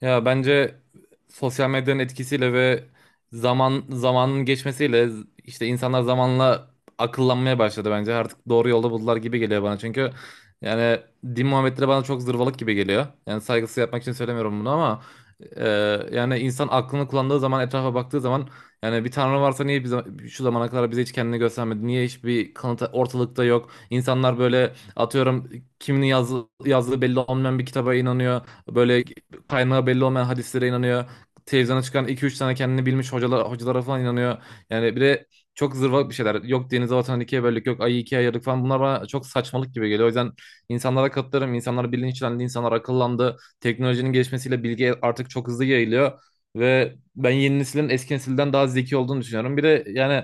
Ya bence sosyal medyanın etkisiyle ve zamanın geçmesiyle işte insanlar zamanla akıllanmaya başladı bence. Artık doğru yolda buldular gibi geliyor bana. Çünkü yani din muhabbetleri bana çok zırvalık gibi geliyor. Yani saygısız yapmak için söylemiyorum bunu ama e, yani insan aklını kullandığı zaman etrafa baktığı zaman yani bir tanrı varsa niye bize, şu zamana kadar bize hiç kendini göstermedi? Niye hiçbir kanıt ortalıkta yok? İnsanlar böyle atıyorum yazdığı belli olmayan bir kitaba inanıyor. Böyle kaynağı belli olmayan hadislere inanıyor. Televizyona çıkan iki üç tane kendini bilmiş hocalara falan inanıyor. Yani bir de çok zırvalık bir şeyler. Yok denize vatanı ikiye böldük, yok ayı ikiye ayırdık falan. Bunlar bana çok saçmalık gibi geliyor. O yüzden insanlara katılırım. İnsanlar bilinçlendi, insanlar akıllandı. Teknolojinin gelişmesiyle bilgi artık çok hızlı yayılıyor. Ve ben yeni neslin eski nesilden daha zeki olduğunu düşünüyorum. Bir de yani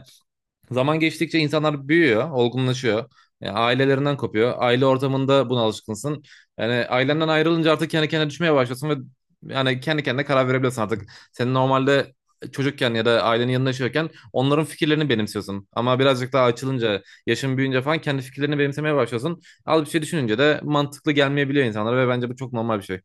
zaman geçtikçe insanlar büyüyor, olgunlaşıyor. Yani ailelerinden kopuyor. Aile ortamında buna alışkınsın. Yani ailenden ayrılınca artık kendi kendine düşmeye başlasın ve yani kendi kendine karar verebilirsin artık. Senin normalde çocukken ya da ailenin yanında yaşıyorken onların fikirlerini benimsiyorsun. Ama birazcık daha açılınca, yaşın büyüyünce falan kendi fikirlerini benimsemeye başlıyorsun. Al bir şey düşününce de mantıklı gelmeyebiliyor insanlara ve bence bu çok normal bir şey.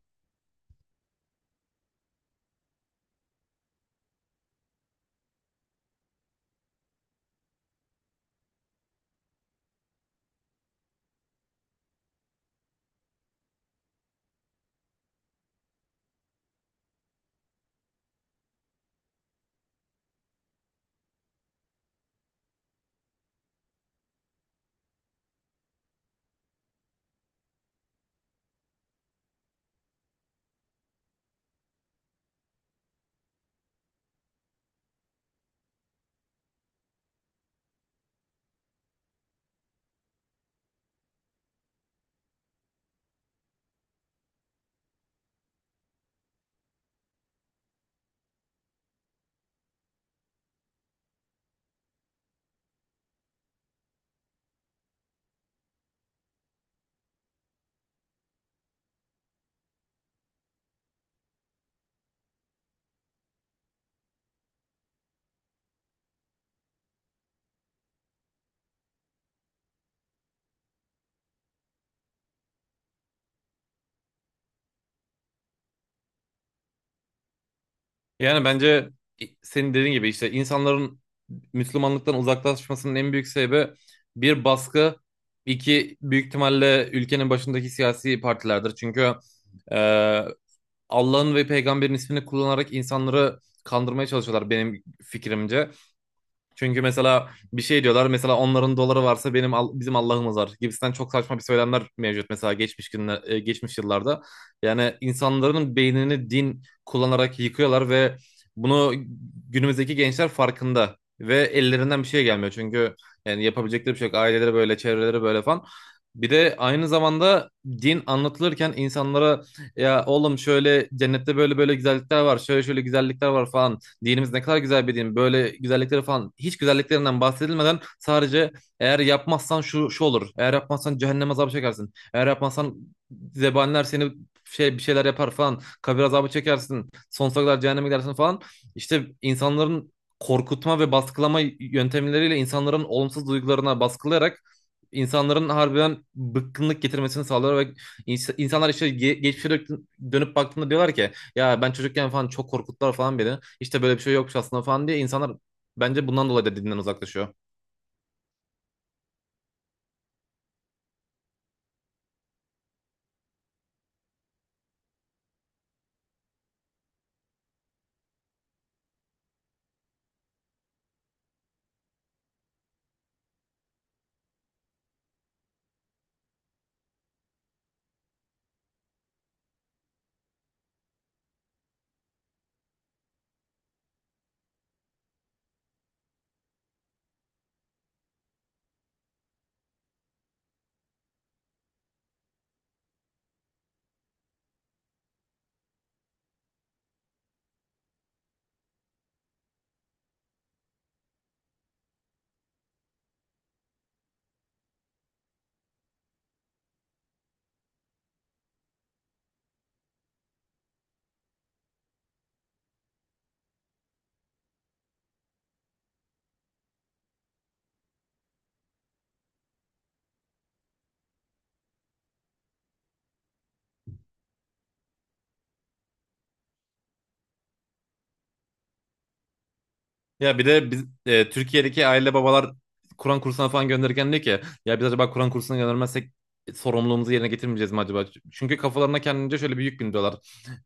Yani bence senin dediğin gibi işte insanların Müslümanlıktan uzaklaşmasının en büyük sebebi bir baskı, iki büyük ihtimalle ülkenin başındaki siyasi partilerdir. Çünkü e, Allah'ın ve peygamberin ismini kullanarak insanları kandırmaya çalışıyorlar benim fikrimce. Çünkü mesela bir şey diyorlar, mesela onların doları varsa bizim Allah'ımız var gibisinden çok saçma bir söylemler mevcut mesela geçmiş yıllarda. Yani insanların beynini din kullanarak yıkıyorlar ve bunu günümüzdeki gençler farkında ve ellerinden bir şey gelmiyor. Çünkü yani yapabilecekleri bir şey yok. Aileleri böyle, çevreleri böyle falan. Bir de aynı zamanda din anlatılırken insanlara ya oğlum şöyle cennette böyle böyle güzellikler var, şöyle şöyle güzellikler var falan, dinimiz ne kadar güzel bir din. Böyle güzellikleri falan hiç güzelliklerinden bahsedilmeden sadece eğer yapmazsan şu şu olur. Eğer yapmazsan cehennem azabı çekersin. Eğer yapmazsan zebaniler seni şey bir şeyler yapar falan. Kabir azabı çekersin. Sonsuza kadar cehenneme gidersin falan. İşte insanların korkutma ve baskılama yöntemleriyle insanların olumsuz duygularına baskılayarak insanların harbiden bıkkınlık getirmesini sağlıyor ve insanlar işte geçmişe dönüp baktığında diyorlar ki ya ben çocukken falan çok korkuttular falan beni. İşte böyle bir şey yokmuş aslında falan diye insanlar bence bundan dolayı da dinden uzaklaşıyor. Ya bir de Türkiye'deki aile babalar Kur'an kursuna falan gönderirken diyor ki ya biz acaba Kur'an kursuna göndermezsek sorumluluğumuzu yerine getirmeyeceğiz mi acaba? Çünkü kafalarına kendince şöyle bir yük bindiriyorlar.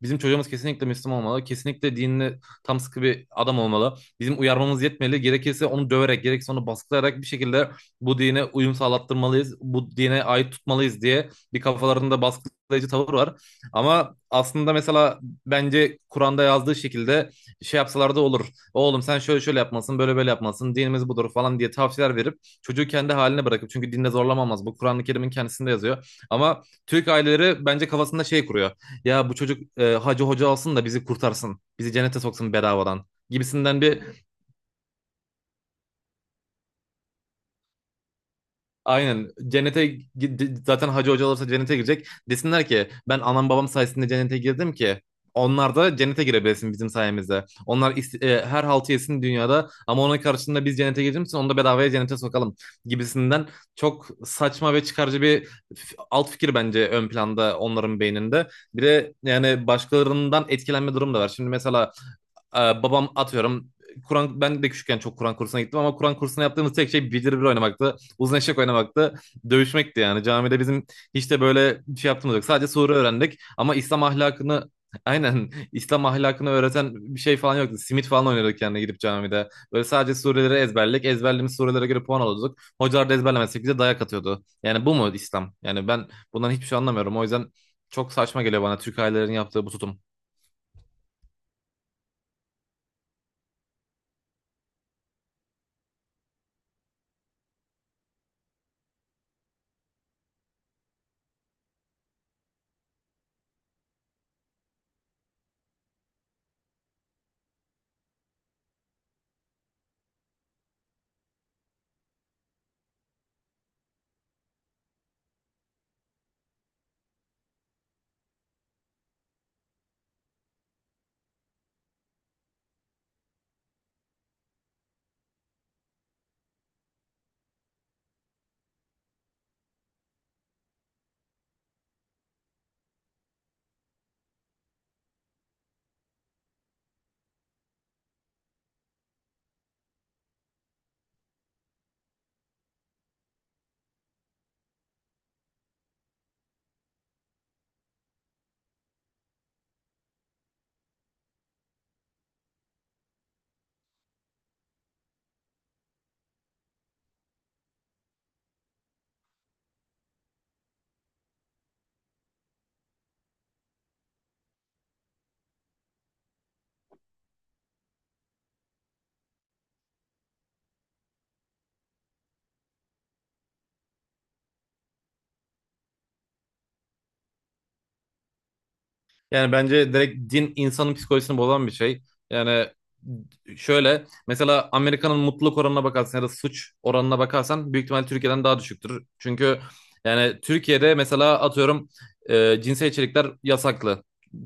Bizim çocuğumuz kesinlikle Müslüman olmalı. Kesinlikle dinine tam sıkı bir adam olmalı. Bizim uyarmamız yetmeli. Gerekirse onu döverek, gerekirse onu baskılayarak bir şekilde bu dine uyum sağlattırmalıyız. Bu dine ait tutmalıyız diye bir kafalarında baskılayıcı tavır var. Ama aslında mesela bence Kur'an'da yazdığı şekilde şey yapsalar da olur. Oğlum sen şöyle şöyle yapmasın, böyle böyle yapmasın, dinimiz budur falan diye tavsiyeler verip çocuğu kendi haline bırakıp, çünkü dinde zorlamamaz. Bu Kur'an-ı Kerim'in kendisinde yazıyor. Ama Türk aileleri bence kafasında şey kuruyor. Ya bu çocuk hacı hoca alsın da bizi kurtarsın. Bizi cennete soksun bedavadan gibisinden bir. Aynen. Cennete zaten hacı hoca olursa cennete girecek. Desinler ki ben anam babam sayesinde cennete girdim ki onlar da cennete girebilsin bizim sayemizde. Onlar her haltı yesin dünyada ama onun karşılığında biz cennete girdiğimiz için onu da bedavaya cennete sokalım gibisinden çok saçma ve çıkarcı bir alt fikir bence ön planda onların beyninde. Bir de yani başkalarından etkilenme durum da var. Şimdi mesela e, babam atıyorum ben de küçükken çok Kur'an kursuna gittim ama Kur'an kursuna yaptığımız tek şey bildir bir oynamaktı. Uzun eşek oynamaktı. Dövüşmekti yani. Camide bizim hiç de böyle bir şey yaptığımız yok. Sadece sure öğrendik ama İslam ahlakını aynen İslam ahlakını öğreten bir şey falan yoktu. Simit falan oynuyorduk yani gidip camide. Böyle sadece sureleri ezberledik. Ezberlediğimiz surelere göre puan alıyorduk. Hocalar da ezberlemezsek bize dayak atıyordu. Yani bu mu İslam? Yani ben bundan hiçbir şey anlamıyorum. O yüzden çok saçma geliyor bana Türk ailelerin yaptığı bu tutum. Yani bence direkt din insanın psikolojisini bozan bir şey. Yani şöyle mesela Amerika'nın mutluluk oranına bakarsan ya da suç oranına bakarsan büyük ihtimal Türkiye'den daha düşüktür. Çünkü yani Türkiye'de mesela atıyorum cinsel içerikler yasaklı.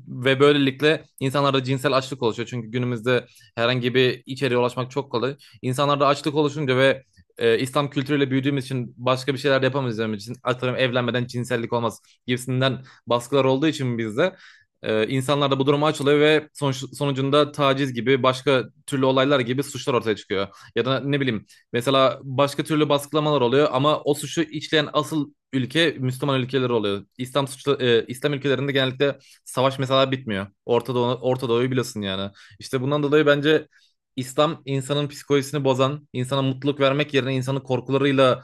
Ve böylelikle insanlarda cinsel açlık oluşuyor. Çünkü günümüzde herhangi bir içeriğe ulaşmak çok kolay. İnsanlarda açlık oluşunca ve İslam kültürüyle büyüdüğümüz için başka bir şeyler yapamayacağımız için atıyorum evlenmeden cinsellik olmaz gibisinden baskılar olduğu için bizde insanlar da bu duruma açılıyor ve sonucunda taciz gibi başka türlü olaylar gibi suçlar ortaya çıkıyor. Ya da ne bileyim mesela başka türlü baskılamalar oluyor ama o suçu işleyen asıl ülke Müslüman ülkeleri oluyor. İslam suçlu, İslam ülkelerinde genellikle savaş mesela bitmiyor. Orta Doğu, Orta Doğu'yu biliyorsun yani. İşte bundan dolayı bence İslam insanın psikolojisini bozan, insana mutluluk vermek yerine insanı korkularıyla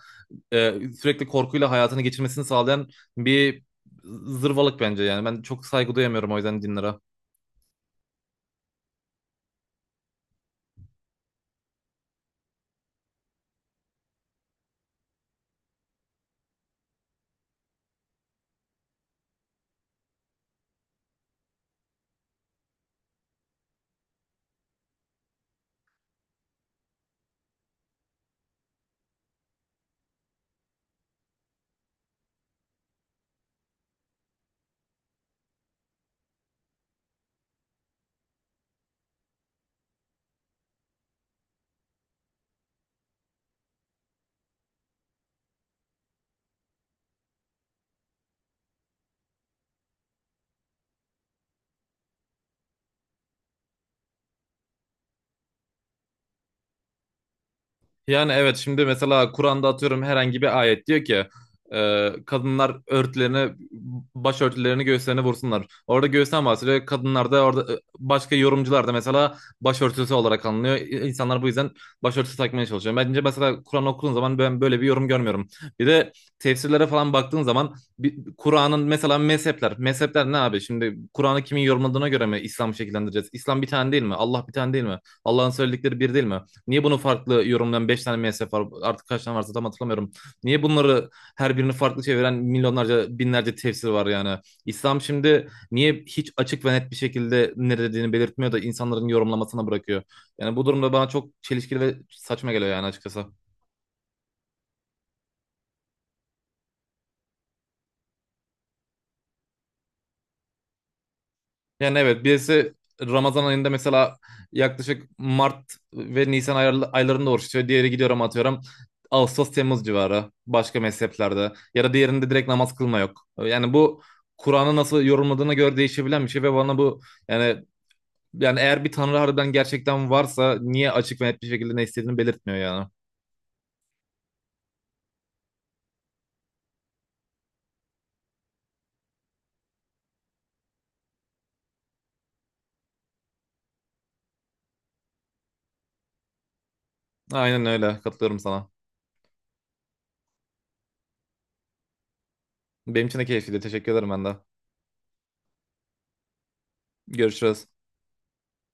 e, sürekli korkuyla hayatını geçirmesini sağlayan bir zırvalık bence yani. Ben çok saygı duyamıyorum o yüzden dinlere. Yani evet, şimdi mesela Kur'an'da atıyorum herhangi bir ayet diyor ki kadınlar başörtülerini göğüslerine vursunlar. Orada göğüsten bahsediyor. Kadınlar da orada başka yorumcular da mesela başörtüsü olarak anlıyor. İnsanlar bu yüzden başörtüsü takmaya çalışıyor. Bence mesela Kur'an okuduğun zaman ben böyle bir yorum görmüyorum. Bir de tefsirlere falan baktığın zaman Kur'an'ın mesela mezhepler. Mezhepler ne abi? Şimdi Kur'an'ı kimin yorumladığına göre mi İslam'ı şekillendireceğiz? İslam bir tane değil mi? Allah bir tane değil mi? Allah'ın söyledikleri bir değil mi? Niye bunu farklı yorumlayan 5 tane MSF var artık kaç tane varsa tam hatırlamıyorum. Niye bunları her birini farklı çeviren milyonlarca binlerce tefsir var yani. İslam şimdi niye hiç açık ve net bir şekilde ne dediğini belirtmiyor da insanların yorumlamasına bırakıyor. Yani bu durumda bana çok çelişkili ve saçma geliyor yani açıkçası. Yani evet birisi Ramazan ayında mesela yaklaşık Mart ve Nisan aylarında oruç tutuyor. Diğeri gidiyor ama atıyorum Ağustos Temmuz civarı başka mezheplerde ya da diğerinde direkt namaz kılma yok. Yani bu Kur'an'ı nasıl yorumladığına göre değişebilen bir şey ve bana bu yani eğer bir tanrı harbiden gerçekten varsa niye açık ve net bir şekilde ne istediğini belirtmiyor yani. Aynen öyle, katılıyorum sana. Benim için de keyifliydi. Teşekkür ederim ben de. Görüşürüz.